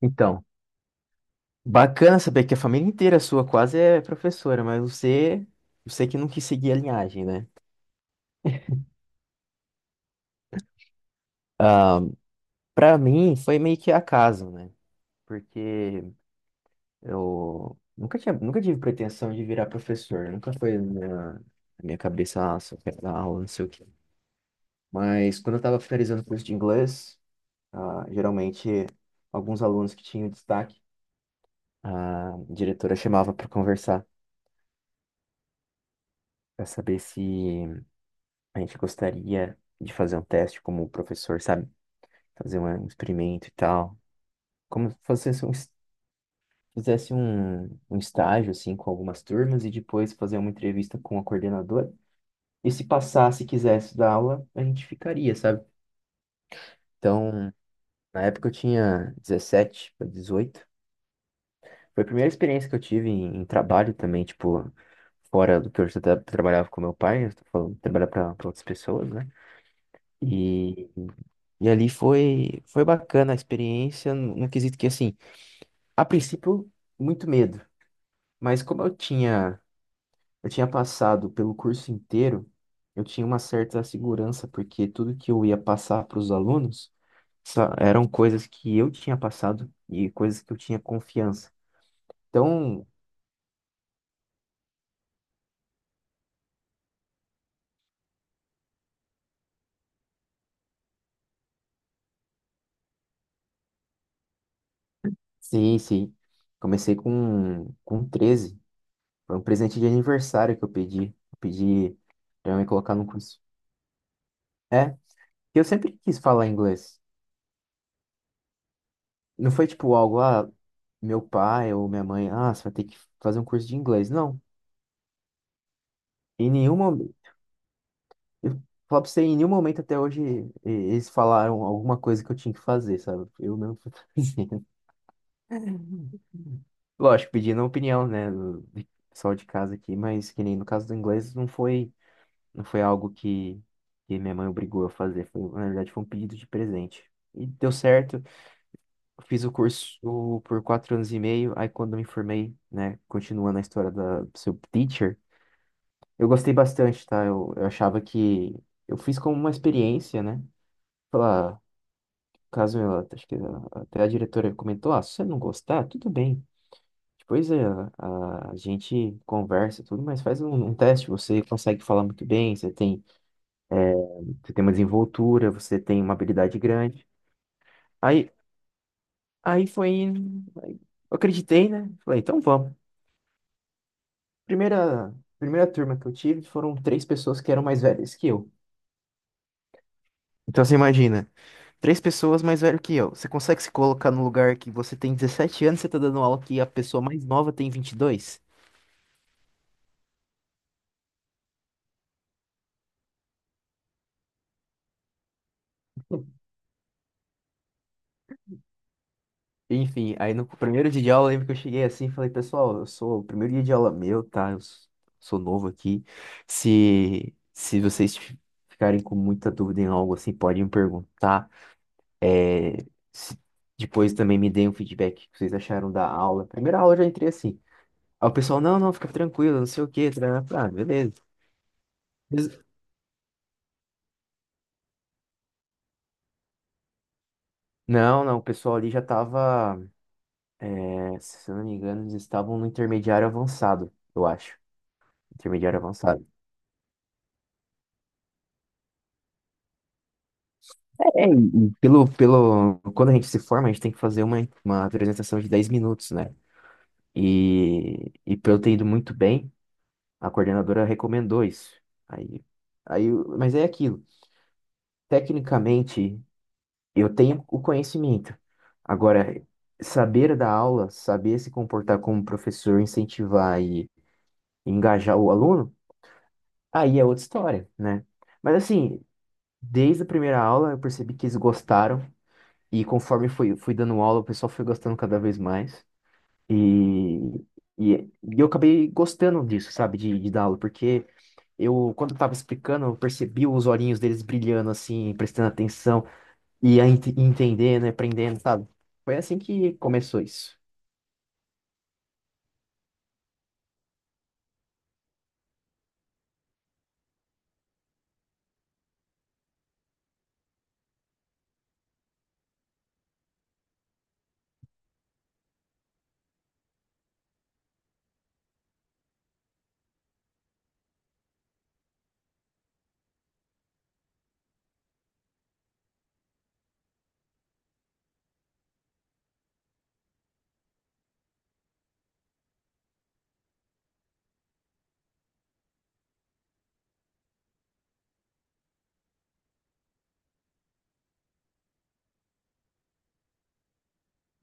Então, bacana saber que a família inteira sua quase é professora, mas você que não quis seguir a linhagem, né? Ah, para mim foi meio que acaso, né? Porque eu nunca tinha, nunca tive pretensão de virar professor, nunca foi na minha cabeça, nossa, eu quero dar aula, não sei o quê. Mas quando eu estava finalizando o curso de inglês, ah, geralmente alguns alunos que tinham destaque, a diretora chamava para conversar, para saber se a gente gostaria de fazer um teste como o professor, sabe? Fazer um experimento e tal. Como se fosse fizesse um estágio, assim, com algumas turmas e depois fazer uma entrevista com a coordenadora. E se passasse e quisesse dar aula, a gente ficaria, sabe? Então, na época eu tinha 17 para 18. Foi a primeira experiência que eu tive em trabalho também, tipo, fora do que eu já trabalhava com meu pai. Eu tô falando, trabalhar para outras pessoas, né? E, e ali foi bacana a experiência, no quesito que, assim, a princípio, muito medo. Mas como eu tinha passado pelo curso inteiro, eu tinha uma certa segurança, porque tudo que eu ia passar para os alunos eram coisas que eu tinha passado e coisas que eu tinha confiança. Então, sim, sim. Comecei com 13. Foi um presente de aniversário que eu pedi. Eu pedi para me colocar no curso. É, eu sempre quis falar inglês. Não foi tipo algo, ah, meu pai ou minha mãe, ah, você vai ter que fazer um curso de inglês. Não. Em nenhum momento. Eu falo pra você, em nenhum momento até hoje eles falaram alguma coisa que eu tinha que fazer, sabe? Eu mesmo fui fazendo. Lógico, pedindo a opinião, né, do pessoal de casa aqui, mas que nem no caso do inglês, não foi, não foi algo que minha mãe obrigou a fazer. Foi, na verdade, foi um pedido de presente. E deu certo. Fiz o curso por 4 anos e meio, aí quando eu me formei, né, continuando a história da do seu teacher, eu gostei bastante, tá? Eu achava que eu fiz como uma experiência, né? Falar, "Ah, caso eu, acho que ah, até a diretora comentou, ah, se você não gostar, tudo bem. Depois é, a gente conversa tudo, mas faz um teste, você consegue falar muito bem, você tem uma desenvoltura, você tem uma habilidade grande. Aí, aí foi, Aí eu acreditei, né? Falei, então vamos. Primeira, primeira turma que eu tive foram três pessoas que eram mais velhas que eu. Então você imagina, três pessoas mais velho que eu. Você consegue se colocar no lugar que você tem 17 anos, e você tá dando aula que a pessoa mais nova tem 22. Enfim, aí no primeiro dia de aula, eu lembro que eu cheguei assim e falei, pessoal, eu sou o primeiro dia de aula meu, tá? Eu sou novo aqui. Se vocês ficarem com muita dúvida em algo assim, podem me perguntar. É, Se- Depois também me deem um feedback que vocês acharam da aula. Primeira aula eu já entrei assim. Aí o pessoal, não, não, fica tranquilo, não sei o quê, tarará. Ah, beleza. Eles- Não, não, o pessoal ali já tava, é, se eu não me engano, eles estavam no intermediário avançado, eu acho. Intermediário avançado. É, e quando a gente se forma, a gente tem que fazer uma apresentação de 10 minutos, né? E pelo ter ido muito bem, a coordenadora recomendou isso. Aí, aí, mas é aquilo. Tecnicamente, eu tenho o conhecimento. Agora, saber dar aula, saber se comportar como professor, incentivar e engajar o aluno, aí é outra história, né? Mas assim, desde a primeira aula eu percebi que eles gostaram e conforme fui, fui dando aula, o pessoal foi gostando cada vez mais. E, e, e eu acabei gostando disso, sabe, de dar aula, porque quando eu tava explicando, eu percebi os olhinhos deles brilhando assim, prestando atenção. E a entendendo, e aprendendo, sabe? Foi assim que começou isso.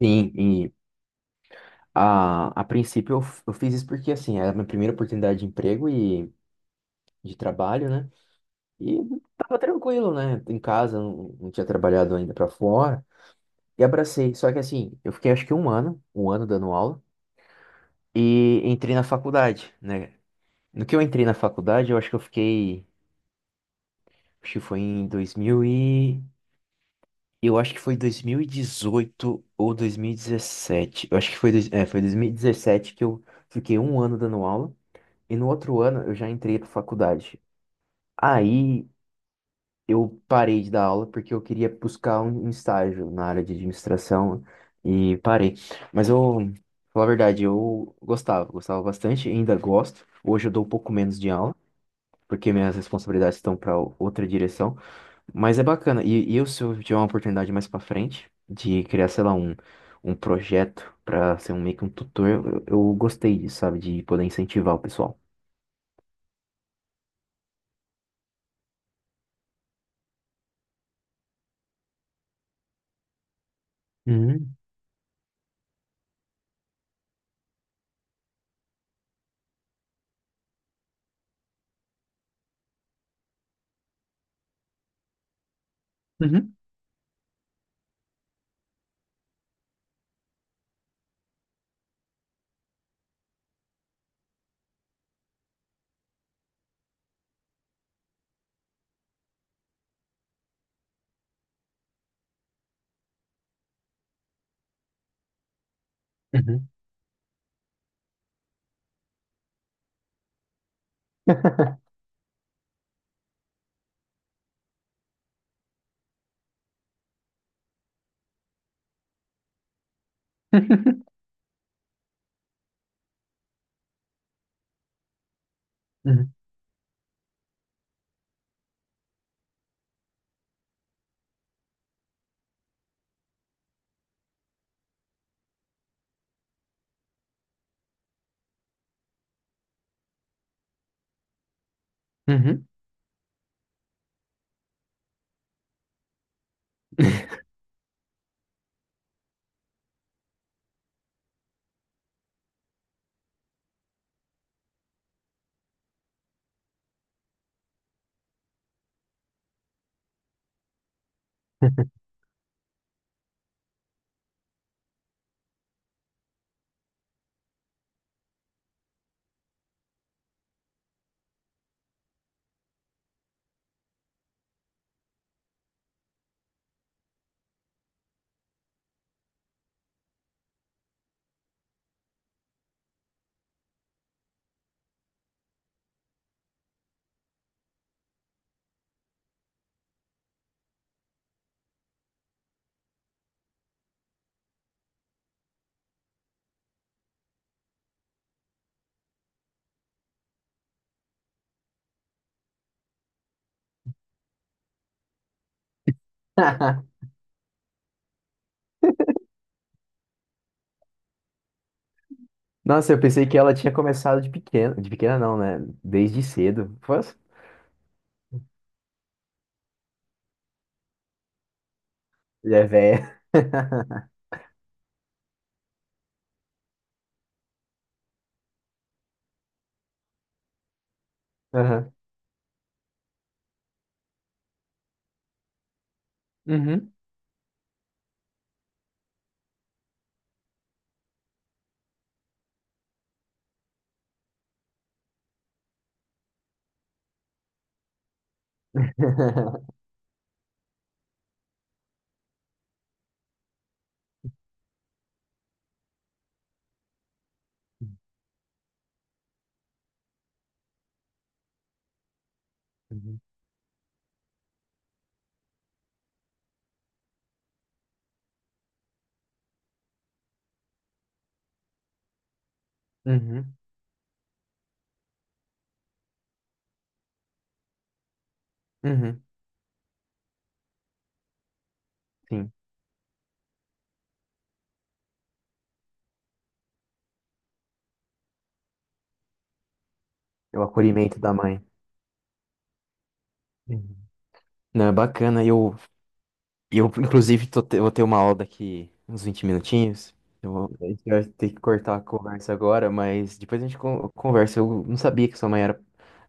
Sim, e a princípio eu fiz isso porque, assim, era a minha primeira oportunidade de emprego e de trabalho, né? E tava tranquilo, né? Em casa, não tinha trabalhado ainda pra fora. E abracei. Só que, assim, eu fiquei acho que um ano dando aula e entrei na faculdade, né? No que eu entrei na faculdade, eu acho que eu fiquei, acho que foi em 2000 e... Eu acho que foi 2018 ou 2017. Eu acho que foi 2017 que eu fiquei um ano dando aula. E no outro ano eu já entrei pra faculdade. Aí eu parei de dar aula porque eu queria buscar um estágio na área de administração e parei. Mas eu, falar a verdade, eu gostava, gostava bastante, ainda gosto. Hoje eu dou um pouco menos de aula porque minhas responsabilidades estão para outra direção. Mas é bacana. E eu, se eu tiver uma oportunidade mais pra frente de criar, sei lá, projeto pra ser um, meio que um tutor, eu gostei disso, sabe? De poder incentivar o pessoal. Uhum, uhum, uhum. Uhum, uhum. Nossa, eu pensei que ela tinha começado de pequena. De pequena não, né? Desde cedo. Pô, já é velha. Aham. Uhum, uhum, uhum, uhum. Sim. É o acolhimento da mãe. Não, é bacana. Eu inclusive, vou ter uma aula daqui uns 20 minutinhos. Eu vou, a gente vai ter que cortar a conversa agora, mas depois a gente conversa. Eu não sabia que sua mãe era,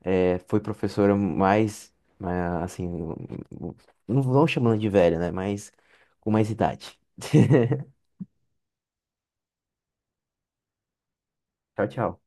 é, foi professora mas, assim, não vão chamando de velha, né? Mas com mais idade. Tchau, tchau.